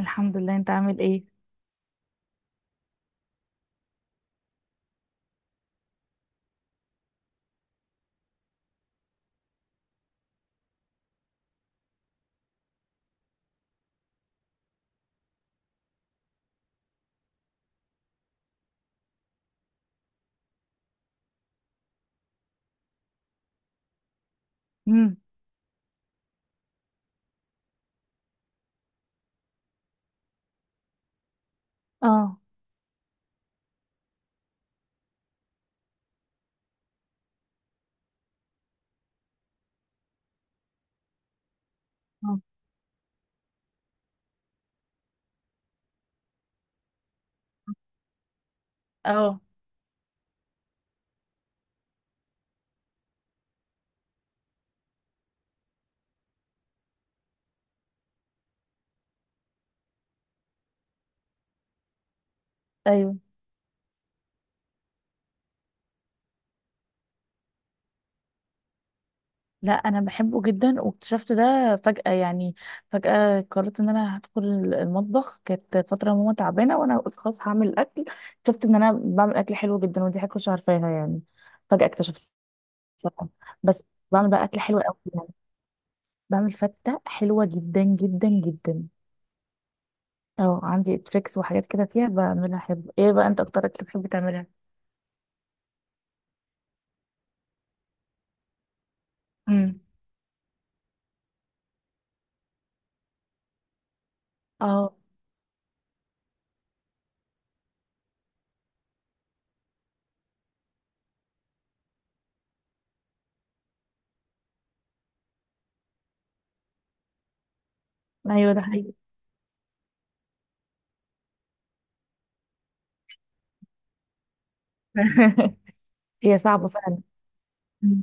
الحمد لله، انت عامل ايه؟ امم. اه. اه. اه. ايوه. لا، انا بحبه جدا واكتشفت ده فجأة يعني. فجأة قررت ان انا هدخل المطبخ، كانت فترة ماما تعبانة وانا قلت خلاص هعمل اكل. اكتشفت ان انا بعمل اكل حلو جدا ودي حاجة مش عارفاها يعني، فجأة اكتشفت. بس بعمل بقى اكل حلو قوي يعني، بعمل فتة حلوة جدا جدا جدا. اه، عندي تريكس وحاجات كده فيها بعملها حلو. ايه بقى انت اكتر اكل بتحب تعملها؟ امم. اه. ايوه، ده حقيقي. هي صعبة فعلا. مم.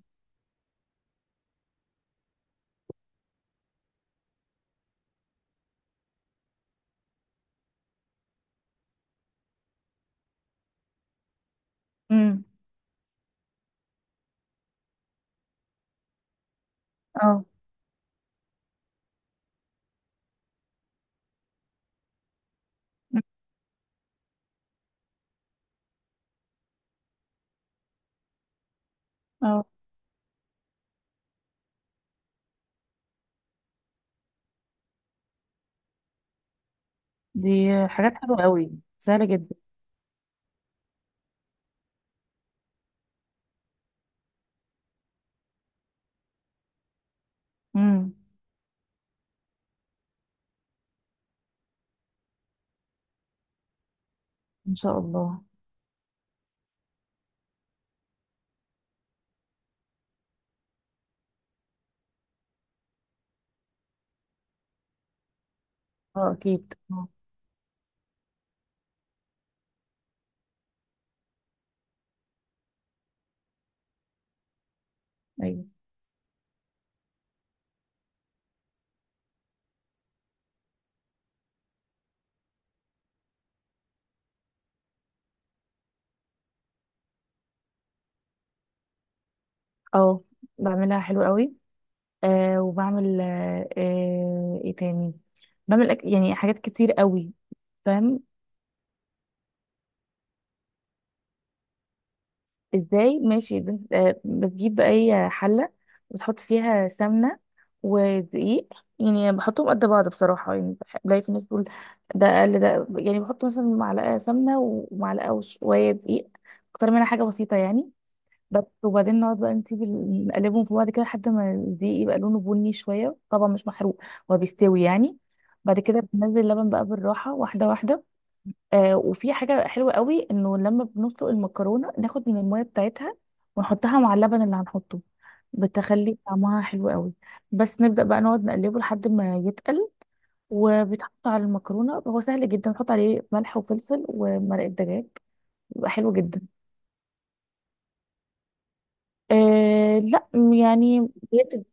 مم. اه. مم. اه. دي حاجات حلوة قوي، سهلة جدا. امم. ان شاء الله. اه، اكيد. اه. ايوه. اه، بعملها حلو قوي، وبعمل ايه تاني؟ بعمل يعني حاجات كتير قوي. فاهم. ازاي؟ ماشي. بتجيب اي حله وتحط فيها سمنه ودقيق، يعني بحطهم قد بعض بصراحه. يعني بلاقي في ناس بتقول ده اقل، ده يعني بحط مثلا معلقه سمنه ومعلقه وشويه دقيق اكتر منها، حاجه بسيطه يعني. بس، وبعدين نقعد بقى نسيب نقلبهم في بعض كده لحد ما الدقيق يبقى لونه بني شويه، طبعا مش محروق، هو بيستوي يعني. بعد كده بننزل اللبن بقى بالراحه، واحده واحده. وفي حاجة حلوة قوي، انه لما بنسلق المكرونة ناخد من المية بتاعتها ونحطها مع اللبن اللي هنحطه، بتخلي طعمها حلو قوي. بس نبدأ بقى نقعد نقلبه لحد ما يتقل وبيتحط على المكرونة. هو سهل جدا، نحط عليه ملح وفلفل ومرقة دجاج، بيبقى حلو جدا. لا يعني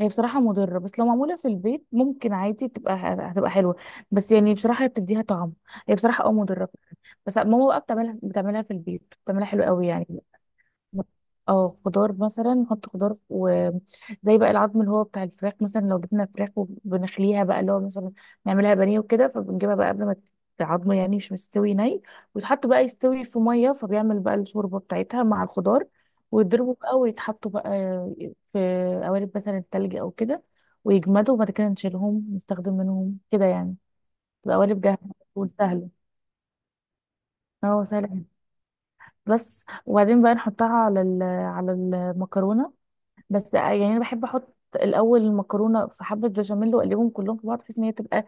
هي بصراحة مضرة، بس لو معمولة في البيت ممكن عادي هتبقى حلوة. بس يعني بصراحة هي بتديها طعم. هي بصراحة مضرة. بس ماما بقى بتعملها في البيت، بتعملها حلو قوي يعني. اه، خضار مثلا نحط خضار، وزي بقى العظم اللي هو بتاع الفراخ، مثلا لو جبنا فراخ وبنخليها بقى اللي هو مثلا نعملها بانيه وكده، فبنجيبها بقى قبل ما العظم يعني مش مستوي ويتحط بقى يستوي في ميه، فبيعمل بقى الشوربه بتاعتها مع الخضار. ويضربوا بقى، ويتحطوا بقى في قوالب مثلا التلج او كده، ويجمدوا، وبعد كده نشيلهم نستخدم منهم كده يعني، تبقى قوالب جاهزه وسهله. اه، سهله. بس، وبعدين بقى نحطها على على المكرونه. بس يعني انا بحب احط الاول المكرونه في حبه بشاميل واقلبهم كلهم في بعض، بحيث ان هي تبقى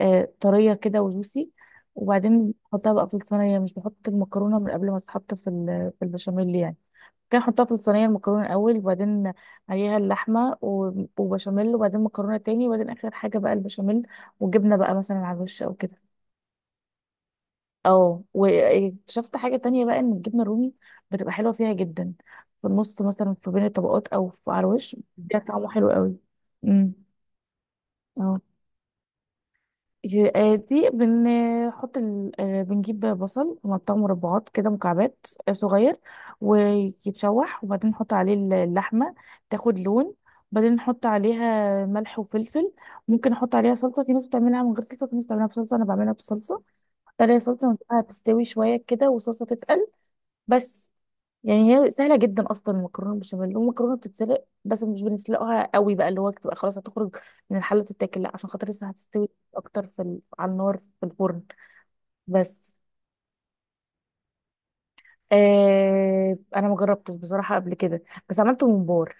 طريه كده وجوسي. وبعدين بحطها بقى في الصينيه، مش بحط المكرونه من قبل ما تتحط في البشاميل يعني. كان احطها في الصينيه المكرونه الاول، وبعدين عليها اللحمه وبشاميل، وبعدين مكرونه تاني، وبعدين اخر حاجه بقى البشاميل، وجبنه بقى مثلا على الوش او كده. اه، واكتشفت حاجة تانية بقى، ان الجبنة الرومي بتبقى حلوة فيها جدا، في النص مثلا في بين الطبقات او في على الوش، بيديها طعمه حلو قوي. امم. اه. دي بنحط ال... آه، بنجيب بصل ونقطعه مربعات كده، مكعبات صغير. ويتشوح، وبعدين نحط عليه اللحمة، تاخد لون. بعدين نحط عليها ملح وفلفل. ممكن نحط عليها صلصة، في ناس بتعملها من غير صلصة، في ناس بتعملها بصلصة. أنا بعملها بالصلصة، احط عليها صلصة ونسيبها تستوي شوية كده والصلصة تتقل. بس، يعني هي سهله جدا اصلا، المكرونه بالبشاميل. والمكرونه بتتسلق بس مش بنسلقها قوي، بقى اللي هو بتبقى خلاص هتخرج من الحله تتاكل، لا عشان خاطر لسه هتستوي اكتر على النار في الفرن. بس. انا ما جربتش بصراحه قبل كده، بس عملت ممبار.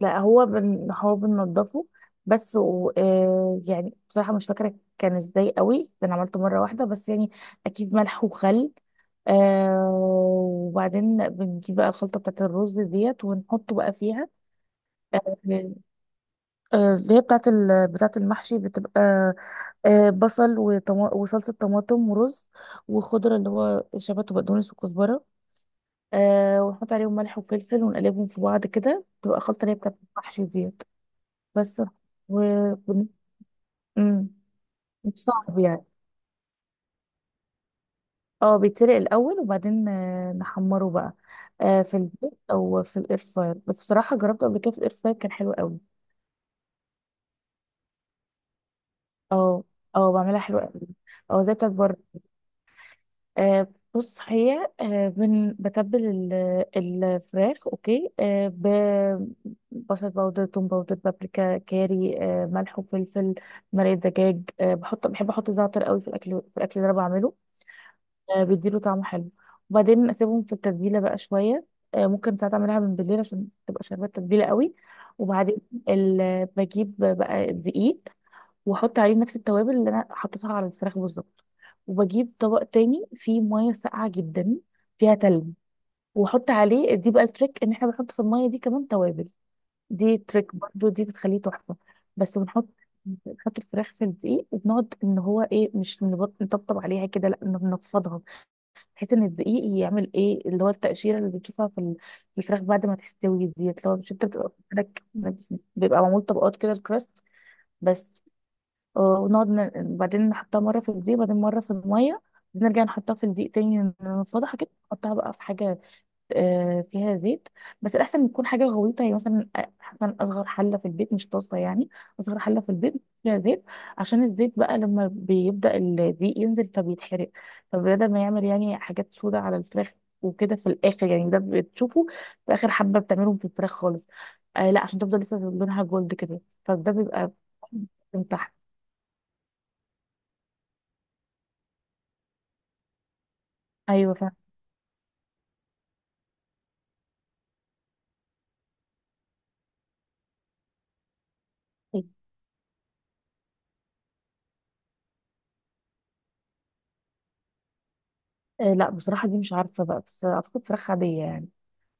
لا، هو بننضفه بس. و... آه يعني بصراحة مش فاكرة كان ازاي قوي، ده انا عملته مرة واحدة بس يعني. اكيد ملح وخل. وبعدين بنجيب بقى الخلطة بتاعت الرز ديت ونحطه بقى فيها. آه، اللي هي بتاعت المحشي، بتبقى بصل وصلصة طماطم ورز، وخضرة اللي هو شبت وبقدونس وكزبرة. ونحط عليهم ملح وفلفل ونقلبهم في بعض كده، تبقى خلطة اللي هي بتاعت المحشي ديت. بس. و بن- مم. مش صعب يعني. اه، بيتسلق الاول، وبعدين نحمره بقى في الزيت او في الاير فراير. بس بصراحه جربته قبل كده في الاير فراير كان حلو قوي. اه. اه، بعملها حلوه قوي. اه، زي بتاعت بره. آه، بص، هي بتبل الفراخ، اوكي، ببصل باودر، توم باودر، بابريكا، كاري، ملح وفلفل، مرقه دجاج. آه، بحط بحب احط زعتر قوي في الاكل، اللي انا بعمله، بيديله طعم حلو. وبعدين اسيبهم في التتبيله بقى شويه، ممكن ساعات اعملها من بالليل عشان تبقى شاربه التتبيله قوي. وبعدين بجيب بقى دقيق واحط عليه نفس التوابل اللي انا حطيتها على الفراخ بالظبط. وبجيب طبق تاني فيه ميه ساقعه جدا، فيها تلج، واحط عليه. دي بقى التريك، ان احنا بنحط في الميه دي كمان توابل، دي تريك برضو دي، بتخليه تحفه. بس بنحط الفراخ في الدقيق، وبنقعد ان هو ايه مش نطبطب عليها كده، لا، إنه بنفضها، بحيث ان الدقيق يعمل ايه اللي هو التقشيره اللي بتشوفها في الفراخ بعد ما تستوي ديت، اللي هو مش انت بتبقى بيبقى معمول طبقات كده، الكراست. بس ونقعد بعدين نحطها مره في الدقيق، بعدين مره في الميه، بعدين نرجع نحطها في الدقيق تاني، نفضحها كده نحطها بقى في حاجه فيها زيت. بس الاحسن يكون حاجه غويطه، يعني مثلا مثلا اصغر حله في البيت، مش طاسه يعني، اصغر حله في البيت فيها زيت. عشان الزيت بقى لما بيبدا الدقيق ينزل فبيتحرق، فبدل ما يعمل يعني حاجات سودة على الفراخ وكده في الاخر. يعني ده بتشوفه في اخر حبه بتعملهم في الفراخ خالص، لا، عشان تفضل لسه لونها جولد كده. فده بيبقى من تحت. ايوه، فاهم. لا بصراحه دي مش عارفه بقى، بس اعتقد فراخ عاديه يعني.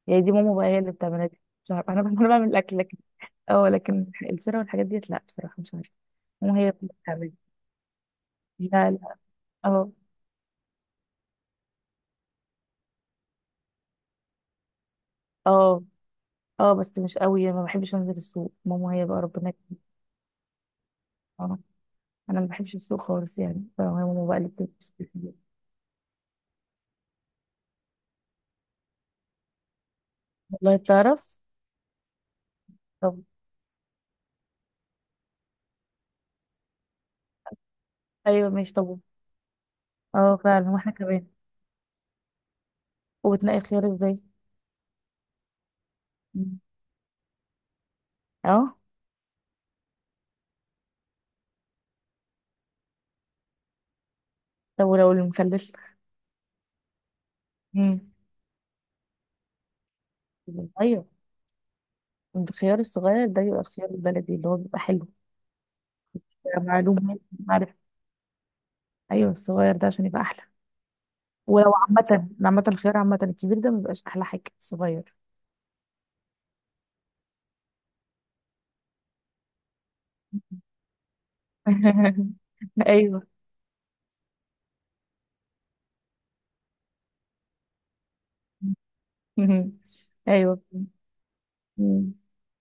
يعني دي ماما بقى هي اللي بتعملها، دي مش عارفه انا. أنا بعمل الاكل. اه، لكن الشراء والحاجات ديت لا بصراحة مش عارفة. ماما هي اللي بتعمل. لا، لا. اه. اه. اه، بس مش قوي، ما بحبش انزل السوق. ماما هي بقى ربنا اه، انا ما بحبش السوق خالص يعني، فماما بقى اللي بتشتري الحاجات. والله بتعرف. طب. ايوه، ماشي. طب. اه، فعلا. واحنا كمان وبتنقي الخيار ازاي؟ مم. اه. طب ولو المخلل. مم. ايوه، الخيار الصغير ده يبقى الخيار البلدي اللي هو بيبقى حلو، بيبقى معلومة. عارف، ايوه، الصغير ده عشان يبقى احلى. ولو عامة الخيار، عامة الكبير ده مبيبقاش أحلى حاجة الصغير. أيوه. أيوه.